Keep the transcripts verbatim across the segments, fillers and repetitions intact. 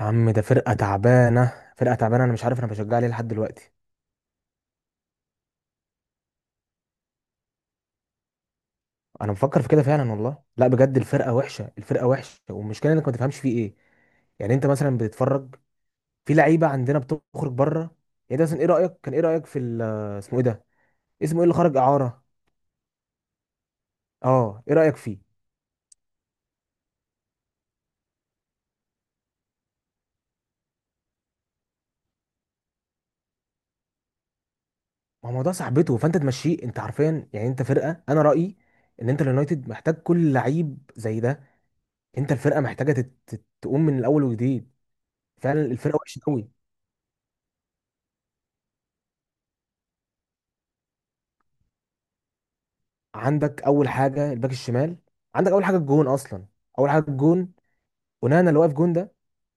يا عم، ده فرقة تعبانة فرقة تعبانة. أنا مش عارف أنا بشجع ليه لحد دلوقتي. أنا مفكر في كده فعلا والله. لا بجد، الفرقة وحشة الفرقة وحشة، والمشكلة إنك ما تفهمش فيه إيه. يعني أنت مثلا بتتفرج، في لعيبة عندنا بتخرج بره. يعني ده مثلا، إيه رأيك كان إيه رأيك في ال- آه، اسمه إيه ده؟ اسمه إيه اللي خرج إعارة؟ أه، إيه رأيك فيه؟ ما هو الموضوع صاحبته، فأنت تمشيه. أنت عارفين يعني، أنت فرقة، أنا رأيي إن أنت اليونايتد محتاج كل لعيب زي ده. أنت الفرقة محتاجة تت- تت- تقوم من الأول وجديد. فعلا الفرقة وحشة قوي. عندك اول حاجه الباك الشمال. عندك اول حاجه الجون اصلا. اول حاجه الجون، اونانا اللي واقف جون ده.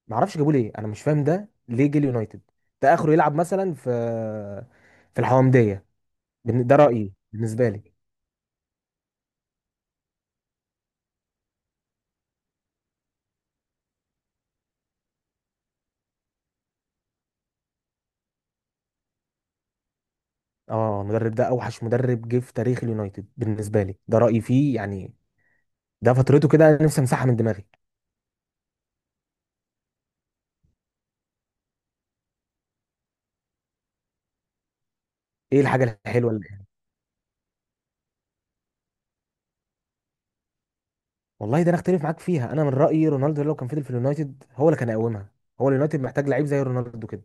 ما اعرفش جابوه ليه، انا مش فاهم ده ليه جه اليونايتد. ده اخره يلعب مثلا في في الحومديه. بن- ده رايي بالنسبه لي. اه، المدرب ده اوحش مدرب جه في تاريخ اليونايتد بالنسبه لي، ده رايي فيه يعني. ده فترته كده انا نفسي امسحها من دماغي. ايه الحاجه الحلوه اللي... والله ده انا اختلف معاك فيها. انا من رايي رونالدو لو كان فضل في اليونايتد هو اللي كان يقومها. هو اليونايتد محتاج لعيب زي رونالدو كده.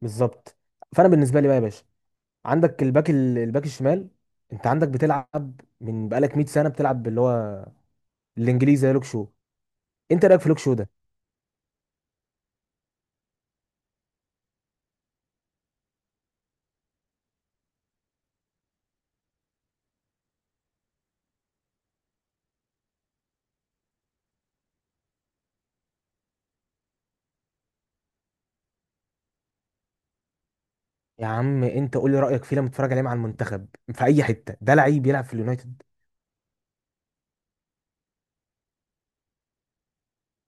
بالظبط. فانا بالنسبه لي بقى يا باشا، عندك الباك ال- الباك الشمال. انت عندك بتلعب من بقالك مية سنه، بتلعب اللي هو الانجليزي زي لوك شو. انت رايك في لوك شو ده؟ يا عم انت قول لي رايك فيه لما تتفرج عليه مع المنتخب. في اي حته ده لعيب يلعب في اليونايتد؟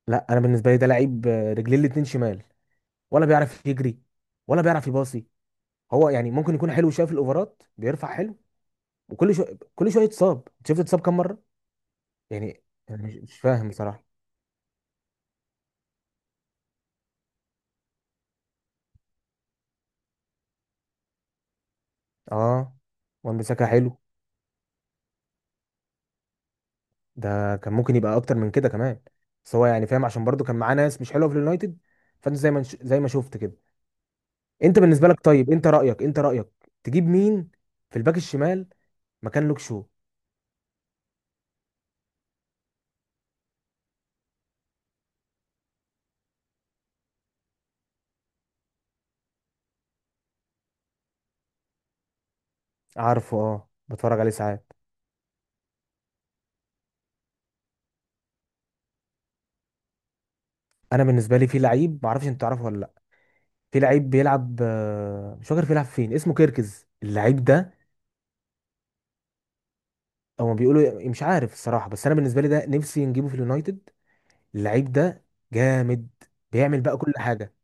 لا، انا بالنسبه لي ده لعيب، آه، رجليه الاتنين شمال. ولا بيعرف يجري ولا بيعرف يباصي. هو يعني ممكن يكون حلو شويه في الاوفرات، بيرفع حلو. وكل شويه كل شويه يتصاب، شفت اتصاب كام مره يعني. أنا مش مش فاهم بصراحه. اه، وان بيساكا حلو. ده كان ممكن يبقى اكتر من كده كمان. بس هو يعني فاهم، عشان برضو كان معاه ناس مش حلوه في اليونايتد. فانت زي ما نش- زي ما شفت كده. انت بالنسبه لك طيب، انت رايك انت رايك تجيب مين في الباك الشمال مكان لوك شو؟ عارفه، اه بتفرج عليه ساعات. انا بالنسبه لي في لعيب، ما اعرفش انت تعرفه ولا لا. في لعيب بيلعب، آه، مش فاكر بيلعب فين، اسمه كيركز اللعيب ده. او ما بيقولوا إيه، مش عارف الصراحه، بس انا بالنسبه لي ده نفسي نجيبه في اليونايتد. اللعيب ده جامد، بيعمل بقى كل حاجه.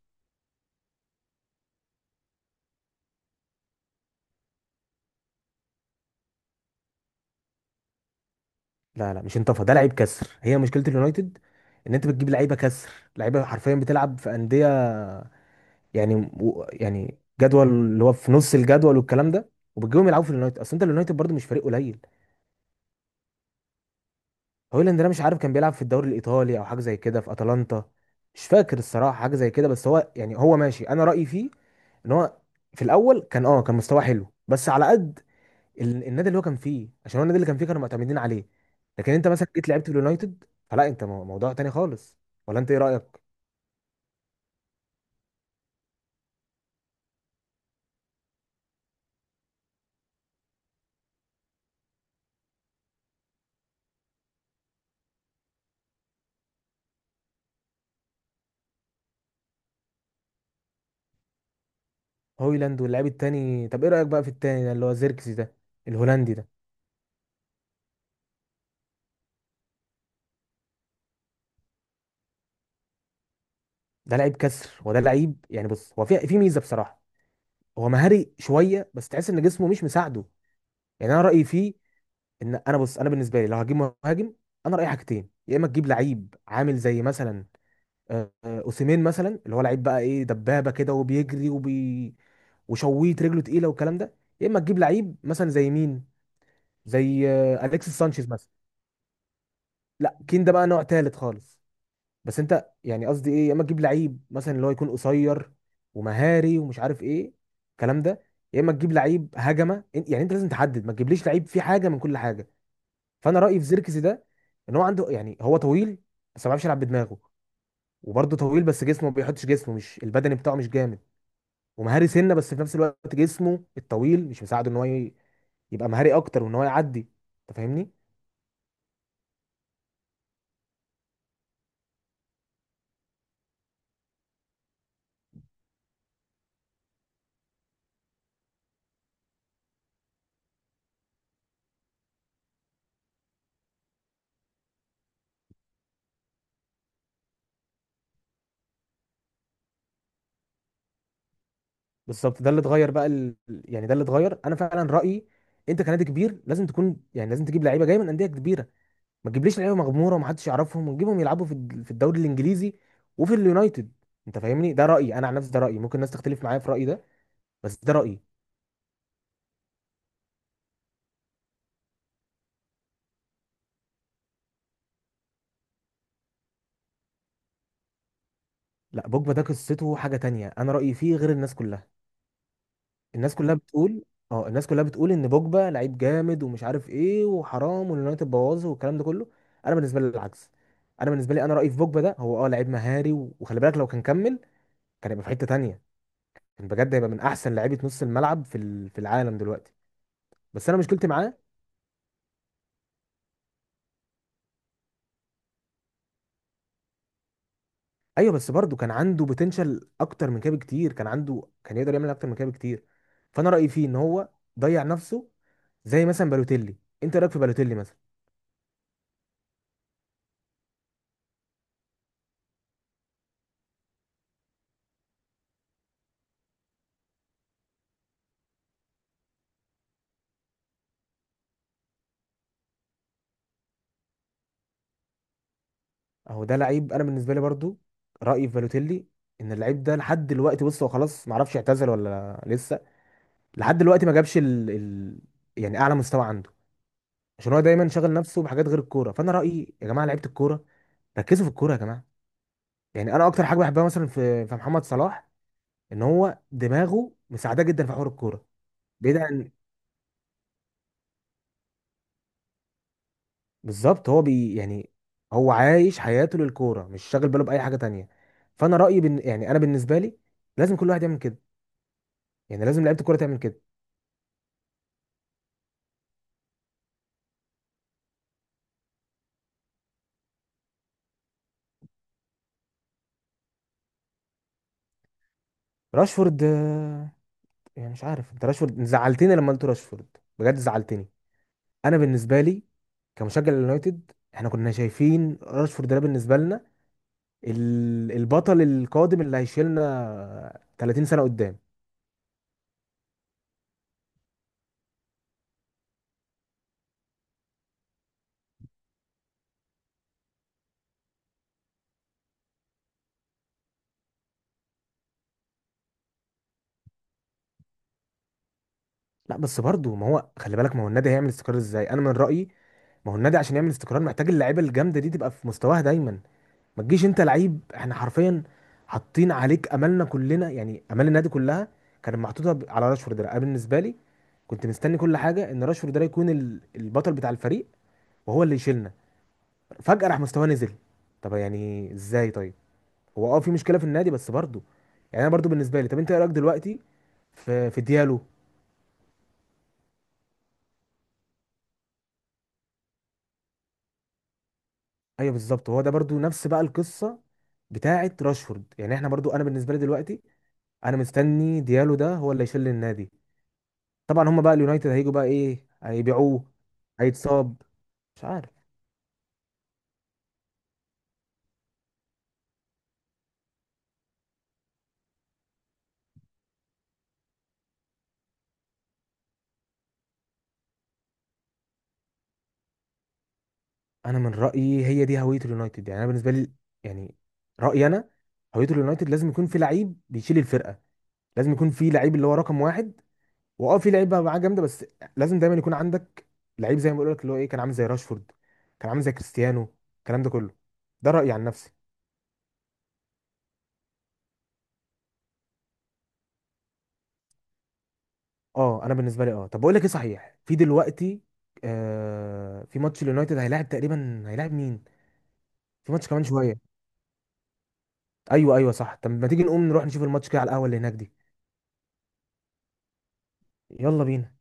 لا، لا، مش انطفى. ده لعيب كسر، هي مشكله اليونايتد. ان انت بتجيب لعيبه كسر، لعيبه حرفيا بتلعب في انديه يعني، و- يعني جدول اللي هو في نص الجدول والكلام ده، وبتجيبهم يلعبوا في اليونايتد، اصل انت اليونايتد برضه مش فريق قليل. هويلاند ده مش عارف، كان بيلعب في الدوري الايطالي او حاجه زي كده، في اتلانتا. مش فاكر الصراحه حاجه زي كده، بس هو يعني هو ماشي. انا رايي فيه ان هو، في الاول كان اه كان مستواه حلو بس على قد ال- النادي اللي هو كان فيه، عشان هو النادي اللي كان فيه كانوا معتمدين عليه. لكن انت مثلا جيت لعبت في اليونايتد، فلا انت مو- موضوع تاني خالص. ولا انت ايه رايك؟ هويلاند واللعيب التاني، طب ايه رايك بقى في التاني ده اللي هو زيركسي ده، الهولندي ده؟ ده لعيب كسر، وده لعيب يعني، بص هو في في ميزه بصراحه. هو مهاري شويه، بس تحس ان جسمه مش مساعده. يعني انا رايي فيه ان انا، بص انا بالنسبه لي لو هجيب مهاجم، انا رايي حاجتين، يا اما تجيب لعيب عامل زي مثلا آه، اوسيمين مثلا، اللي هو لعيب بقى ايه، دبابه كده وبيجري وبي وشويت رجله تقيله والكلام ده. يا اما تجيب لعيب مثلا زي مين، زي آه، اليكس سانشيز مثلا. لا، كين ده بقى نوع تالت خالص. بس انت يعني قصدي ايه، يا اما تجيب لعيب مثلا اللي هو يكون قصير ومهاري ومش عارف ايه، الكلام ده. يا اما تجيب لعيب هجمه، إن- يعني انت لازم تحدد، ما تجيبليش لعيب فيه حاجه من كل حاجه. فانا رايي في زيركسي ده، ان هو عنده يعني هو طويل، بس ما بيعرفش يلعب بدماغه. وبرضه طويل بس جسمه ما بيحطش جسمه، مش البدني بتاعه مش جامد. ومهاري سنه، بس في نفس الوقت جسمه الطويل مش مساعده ان هو ي- يبقى مهاري اكتر وان هو يعدي. انت فاهمني؟ بالظبط، ده اللي اتغير بقى ال... يعني ده اللي اتغير، انا فعلا رايي، انت كنادي كبير لازم تكون، يعني لازم تجيب لعيبه جايه من انديه كبيره. ما تجيبليش لعيبه مغموره ومحدش يعرفهم، وتجيبهم يلعبوا في الد- في الدوري الانجليزي وفي اليونايتد. انت فاهمني؟ ده رايي انا عن نفسي، ده رايي ممكن الناس تختلف معايا في رايي ده، بس ده رايي. لا، بوجبا ده قصته حاجه تانية، انا رايي فيه غير الناس كلها. الناس كلها بتقول، اه الناس كلها بتقول ان بوجبا لعيب جامد ومش عارف ايه وحرام واليونايتد بوظه والكلام ده كله. انا بالنسبه لي العكس. انا بالنسبه لي، انا رايي في بوجبا ده، هو اه لعيب مهاري، و- وخلي بالك لو كان كمل كان يبقى في حته تانية. كان بجد هيبقى من احسن لعيبه نص الملعب في ال- في العالم دلوقتي. بس انا مشكلتي معاه. ايوه، بس برضه كان عنده بوتنشال اكتر من كده بكتير، كان عنده كان يقدر يعمل اكتر من كده بكتير. فانا رايي فيه ان هو ضيع نفسه، زي مثلا بالوتيلي. انت إيه رايك في بالوتيلي مثلا؟ اهو ده لعيب. انا بالنسبه لي برضو، رايي في بالوتيلي ان اللعيب ده لحد دلوقتي، بص هو خلاص ما اعرفش اعتزل ولا لسه، لحد دلوقتي ما جابش ال... ال... يعني اعلى مستوى عنده. عشان هو دايما شاغل نفسه بحاجات غير الكوره، فانا رايي يا جماعه، لعيبه الكوره، ركزوا في الكوره يا جماعه. يعني انا اكتر حاجه بحبها مثلا في في محمد صلاح، ان هو دماغه مساعده جدا في حوار الكوره، بعيد عن... بالظبط، هو بي يعني هو عايش حياته للكوره، مش شاغل باله باي حاجه تانية. فانا رايي بن... يعني انا بالنسبه لي، لازم كل واحد يعمل كده. يعني لازم لعيبه الكوره تعمل كده. راشفورد، آه، يعني مش عارف، انت راشفورد زعلتني لما قلت راشفورد، بجد زعلتني. انا بالنسبه لي كمشجع لليونايتد، احنا كنا شايفين راشفورد ده بالنسبه لنا ال- البطل القادم اللي هيشيلنا تلاتين سنه قدام. لا، بس برضه ما هو خلي بالك، ما هو النادي هيعمل استقرار ازاي؟ انا من رايي، ما هو النادي عشان يعمل استقرار محتاج اللعيبه الجامده دي تبقى في مستواها دايما. ما تجيش انت لعيب احنا حرفيا حاطين عليك املنا كلنا، يعني امال النادي كلها كانت محطوطه ب- على راشفورد ده. انا بالنسبه لي كنت مستني كل حاجه ان راشفورد ده يكون ال- البطل بتاع الفريق، وهو اللي يشيلنا. فجاه راح مستواه نزل. طب يعني ازاي طيب؟ هو اه في مشكله في النادي بس برضه. يعني انا برضه بالنسبه لي، طب انت ايه رايك دلوقتي في في ديالو؟ ايوه بالظبط، هو ده برضه نفس بقى القصه بتاعه راشفورد، يعني احنا برضه، انا بالنسبه لي دلوقتي انا مستني ديالو ده هو اللي يشيل النادي. طبعا هم بقى اليونايتد هيجوا بقى ايه، هيبيعوه، هيتصاب. مش عارف. انا من رايي هي دي هويه اليونايتد، يعني انا بالنسبه لي، يعني رايي انا، هويه اليونايتد لازم يكون في لعيب بيشيل الفرقه. لازم يكون في لعيب اللي هو رقم واحد، واه في لعيب بقى معاه جامده بس. لازم دايما يكون عندك لعيب، زي ما بقول لك اللي هو ايه، كان عامل زي راشفورد، كان عامل زي كريستيانو، الكلام ده كله. ده رايي عن نفسي. اه، انا بالنسبه لي، اه طب بقول لك ايه صحيح في دلوقتي. آه في ماتش اليونايتد، هيلاعب تقريبا هيلاعب مين؟ في ماتش كمان شويه. ايوه، ايوه، صح. طب ما تيجي نقوم نروح نشوف الماتش كده على القهوه اللي هناك دي؟ يلا بينا.